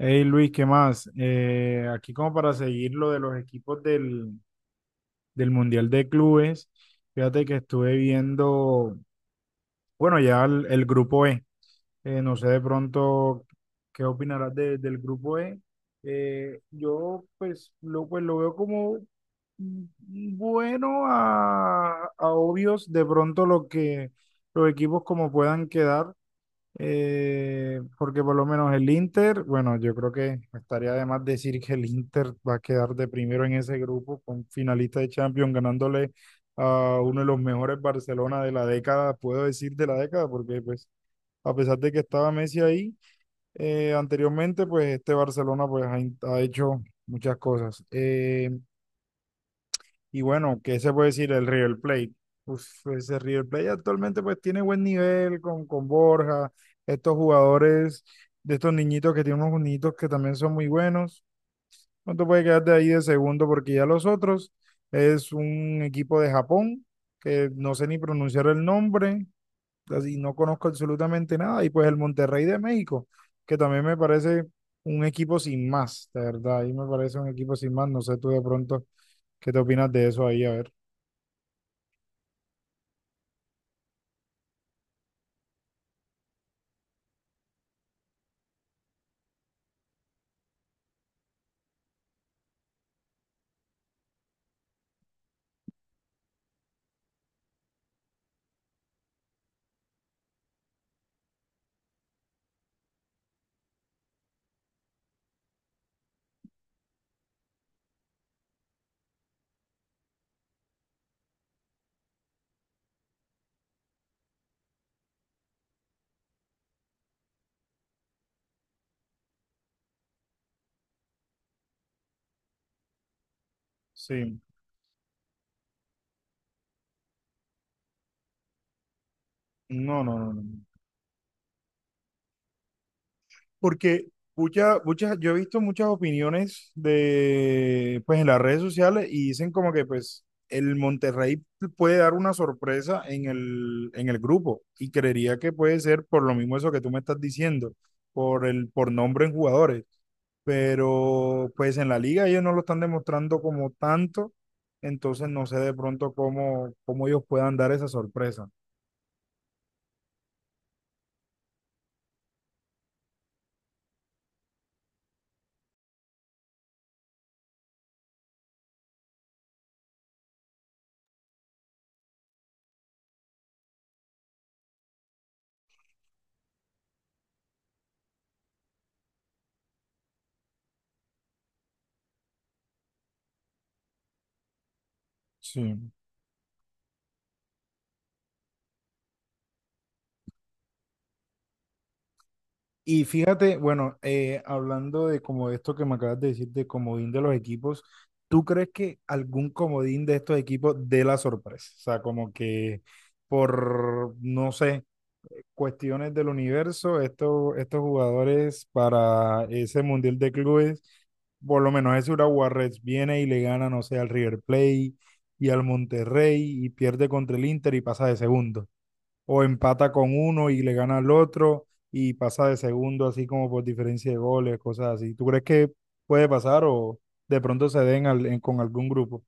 Hey Luis, ¿qué más? Aquí como para seguir lo de los equipos del Mundial de Clubes, fíjate que estuve viendo, bueno, ya el grupo E. No sé de pronto qué opinarás del grupo E. Pues lo veo como bueno a obvios de pronto lo que los equipos como puedan quedar. Porque por lo menos el Inter, bueno, yo creo que estaría de más decir que el Inter va a quedar de primero en ese grupo con finalista de Champions, ganándole a uno de los mejores Barcelona de la década, puedo decir de la década, porque pues a pesar de que estaba Messi ahí anteriormente, pues este Barcelona ha hecho muchas cosas. Y bueno, ¿qué se puede decir del River Plate? Uf, ese River Plate actualmente pues tiene buen nivel con Borja, estos jugadores, de estos niñitos, que tienen unos niñitos que también son muy buenos. No te puedes quedar de ahí de segundo porque ya los otros, es un equipo de Japón que no sé ni pronunciar el nombre, así no conozco absolutamente nada. Y pues el Monterrey de México, que también me parece un equipo sin más, de verdad, ahí me parece un equipo sin más. No sé tú de pronto qué te opinas de eso ahí, a ver. Sí, no, no, no, no, no. Porque yo he visto muchas opiniones de, pues en las redes sociales, y dicen como que pues el Monterrey puede dar una sorpresa en el grupo, y creería que puede ser por lo mismo eso que tú me estás diciendo, por nombre en jugadores. Pero pues en la liga ellos no lo están demostrando como tanto, entonces no sé de pronto cómo ellos puedan dar esa sorpresa. Sí. Y fíjate, bueno, hablando de como esto que me acabas de decir, de comodín de los equipos, ¿tú crees que algún comodín de estos equipos dé la sorpresa? O sea, como que por, no sé, cuestiones del universo, estos jugadores para ese Mundial de Clubes, por lo menos ese Urawa Reds viene y le gana, no sé, al River Plate y al Monterrey, y pierde contra el Inter y pasa de segundo, o empata con uno y le gana al otro y pasa de segundo así como por diferencia de goles, cosas así. ¿Tú crees que puede pasar o de pronto se den con algún grupo?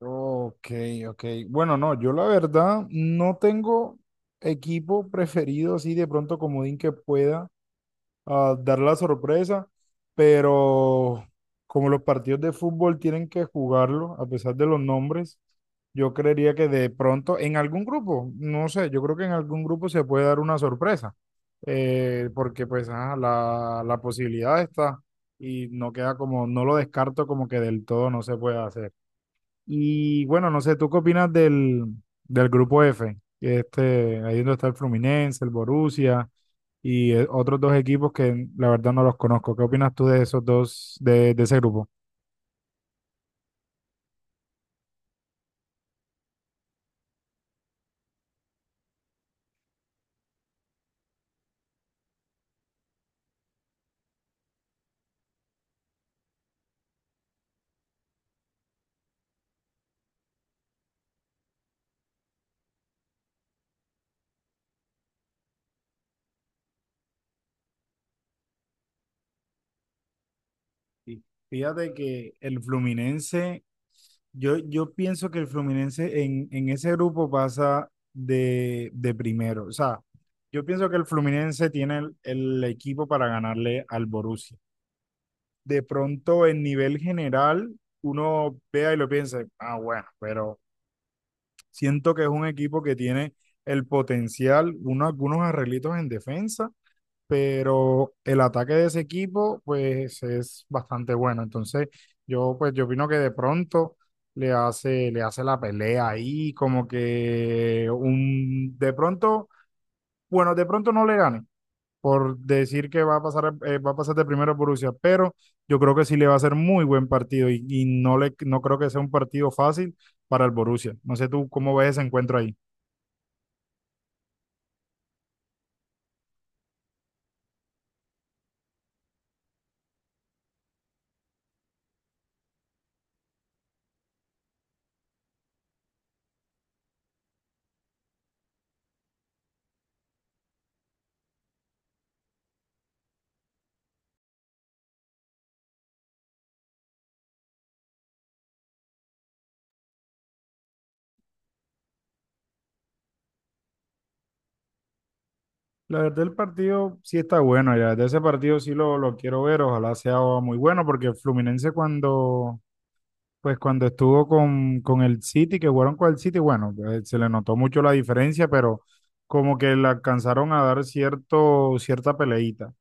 Ok, ok. Bueno, no, yo la verdad no tengo equipo preferido así de pronto comodín que pueda a dar la sorpresa, pero como los partidos de fútbol tienen que jugarlo, a pesar de los nombres, yo creería que de pronto en algún grupo, no sé, yo creo que en algún grupo se puede dar una sorpresa, porque pues la posibilidad está, y no queda como, no lo descarto como que del todo no se puede hacer. Y bueno, no sé, ¿tú qué opinas del grupo F? Que este, ahí donde está el Fluminense, el Borussia y otros dos equipos que la verdad no los conozco. ¿Qué opinas tú de esos dos, de ese grupo? Sí. Fíjate que el Fluminense, yo pienso que el Fluminense en ese grupo pasa de primero. O sea, yo pienso que el Fluminense tiene el equipo para ganarle al Borussia. De pronto en nivel general uno vea y lo piense, ah, bueno, pero siento que es un equipo que tiene el potencial, uno, algunos arreglitos en defensa, pero el ataque de ese equipo pues es bastante bueno. Entonces yo opino que de pronto le hace la pelea ahí, como que un, de pronto, bueno, de pronto no le gane, por decir que va a pasar, va a pasar de primero Borussia, pero yo creo que sí le va a ser muy buen partido, y no creo que sea un partido fácil para el Borussia. No sé tú cómo ves ese encuentro ahí. La verdad, el partido sí está bueno, ya de ese partido sí lo quiero ver, ojalá sea muy bueno, porque Fluminense pues cuando estuvo con el City, que jugaron con el City, bueno, se le notó mucho la diferencia, pero como que le alcanzaron a dar cierta peleita.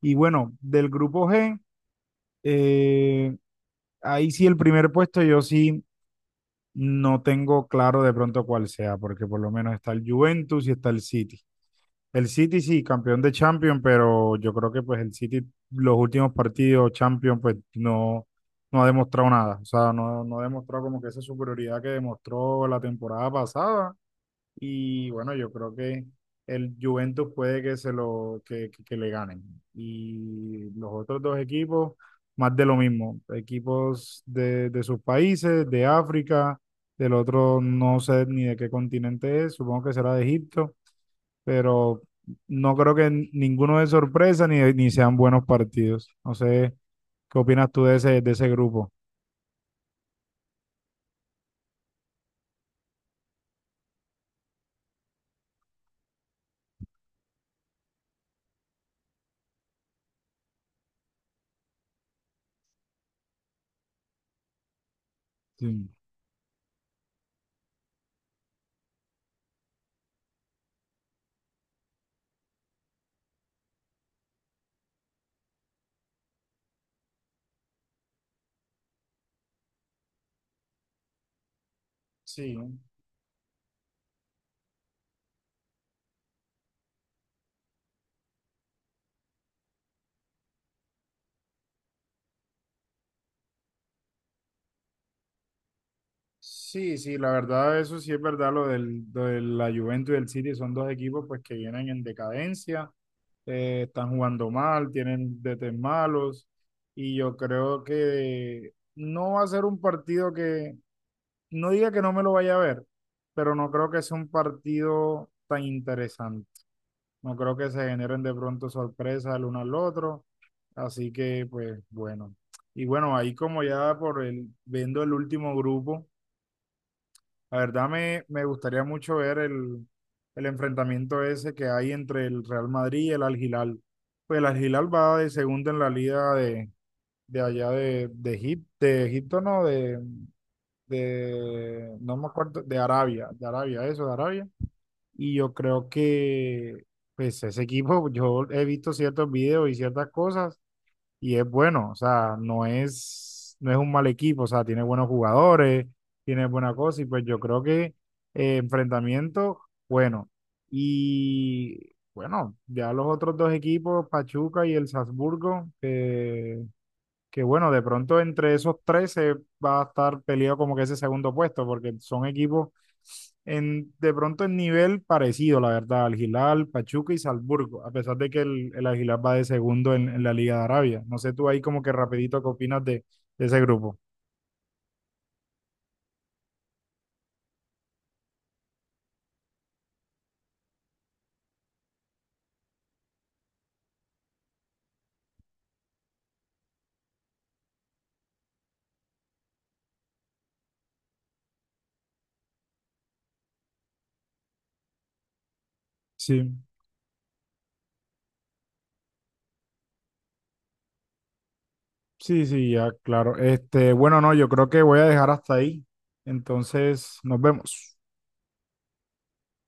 Y bueno, del grupo G, Eh, ahí sí el primer puesto yo sí no tengo claro de pronto cuál sea, porque por lo menos está el Juventus y está el City. El City sí, campeón de Champions, pero yo creo que pues el City los últimos partidos Champions pues no, no ha demostrado nada, o sea, no, no ha demostrado como que esa superioridad que demostró la temporada pasada, y bueno, yo creo que el Juventus puede que se lo que le ganen. Y los otros dos equipos, más de lo mismo. Equipos de sus países, de África, del otro no sé ni de qué continente es, supongo que será de Egipto, pero no creo que ninguno de sorpresa ni sean buenos partidos. No sé, ¿qué opinas tú de ese grupo? Sí. Sí. Sí, sí, la verdad, eso sí es verdad, lo de la Juventus y el City son dos equipos pues que vienen en decadencia, están jugando mal, tienen DT malos, y yo creo que no va a ser un partido que, no diga que no me lo vaya a ver, pero no creo que sea un partido tan interesante. No creo que se generen de pronto sorpresas el uno al otro, así que pues bueno. Y bueno, ahí como ya por el, viendo el último grupo. La verdad me gustaría mucho ver el enfrentamiento ese que hay entre el Real Madrid y el Al Hilal. Pues el Al Hilal va de segundo en la liga de allá Egip- de Egipto, no, no me acuerdo, de Arabia, eso, de Arabia. Y yo creo que pues ese equipo, yo he visto ciertos videos y ciertas cosas, y es bueno, o sea, no es un mal equipo, o sea, tiene buenos jugadores, tiene buena cosa, y pues yo creo que enfrentamiento, bueno, y bueno, ya los otros dos equipos, Pachuca y el Salzburgo, que bueno, de pronto entre esos tres se va a estar peleado como que ese segundo puesto, porque son equipos en, de pronto en nivel parecido, la verdad, al Hilal, Pachuca y Salzburgo, a pesar de que el Al Hilal va de segundo en la Liga de Arabia. No sé tú ahí como que rapidito qué opinas de ese grupo. Sí, sí, sí, ya, claro. Este, bueno, no, yo creo que voy a dejar hasta ahí. Entonces, nos vemos.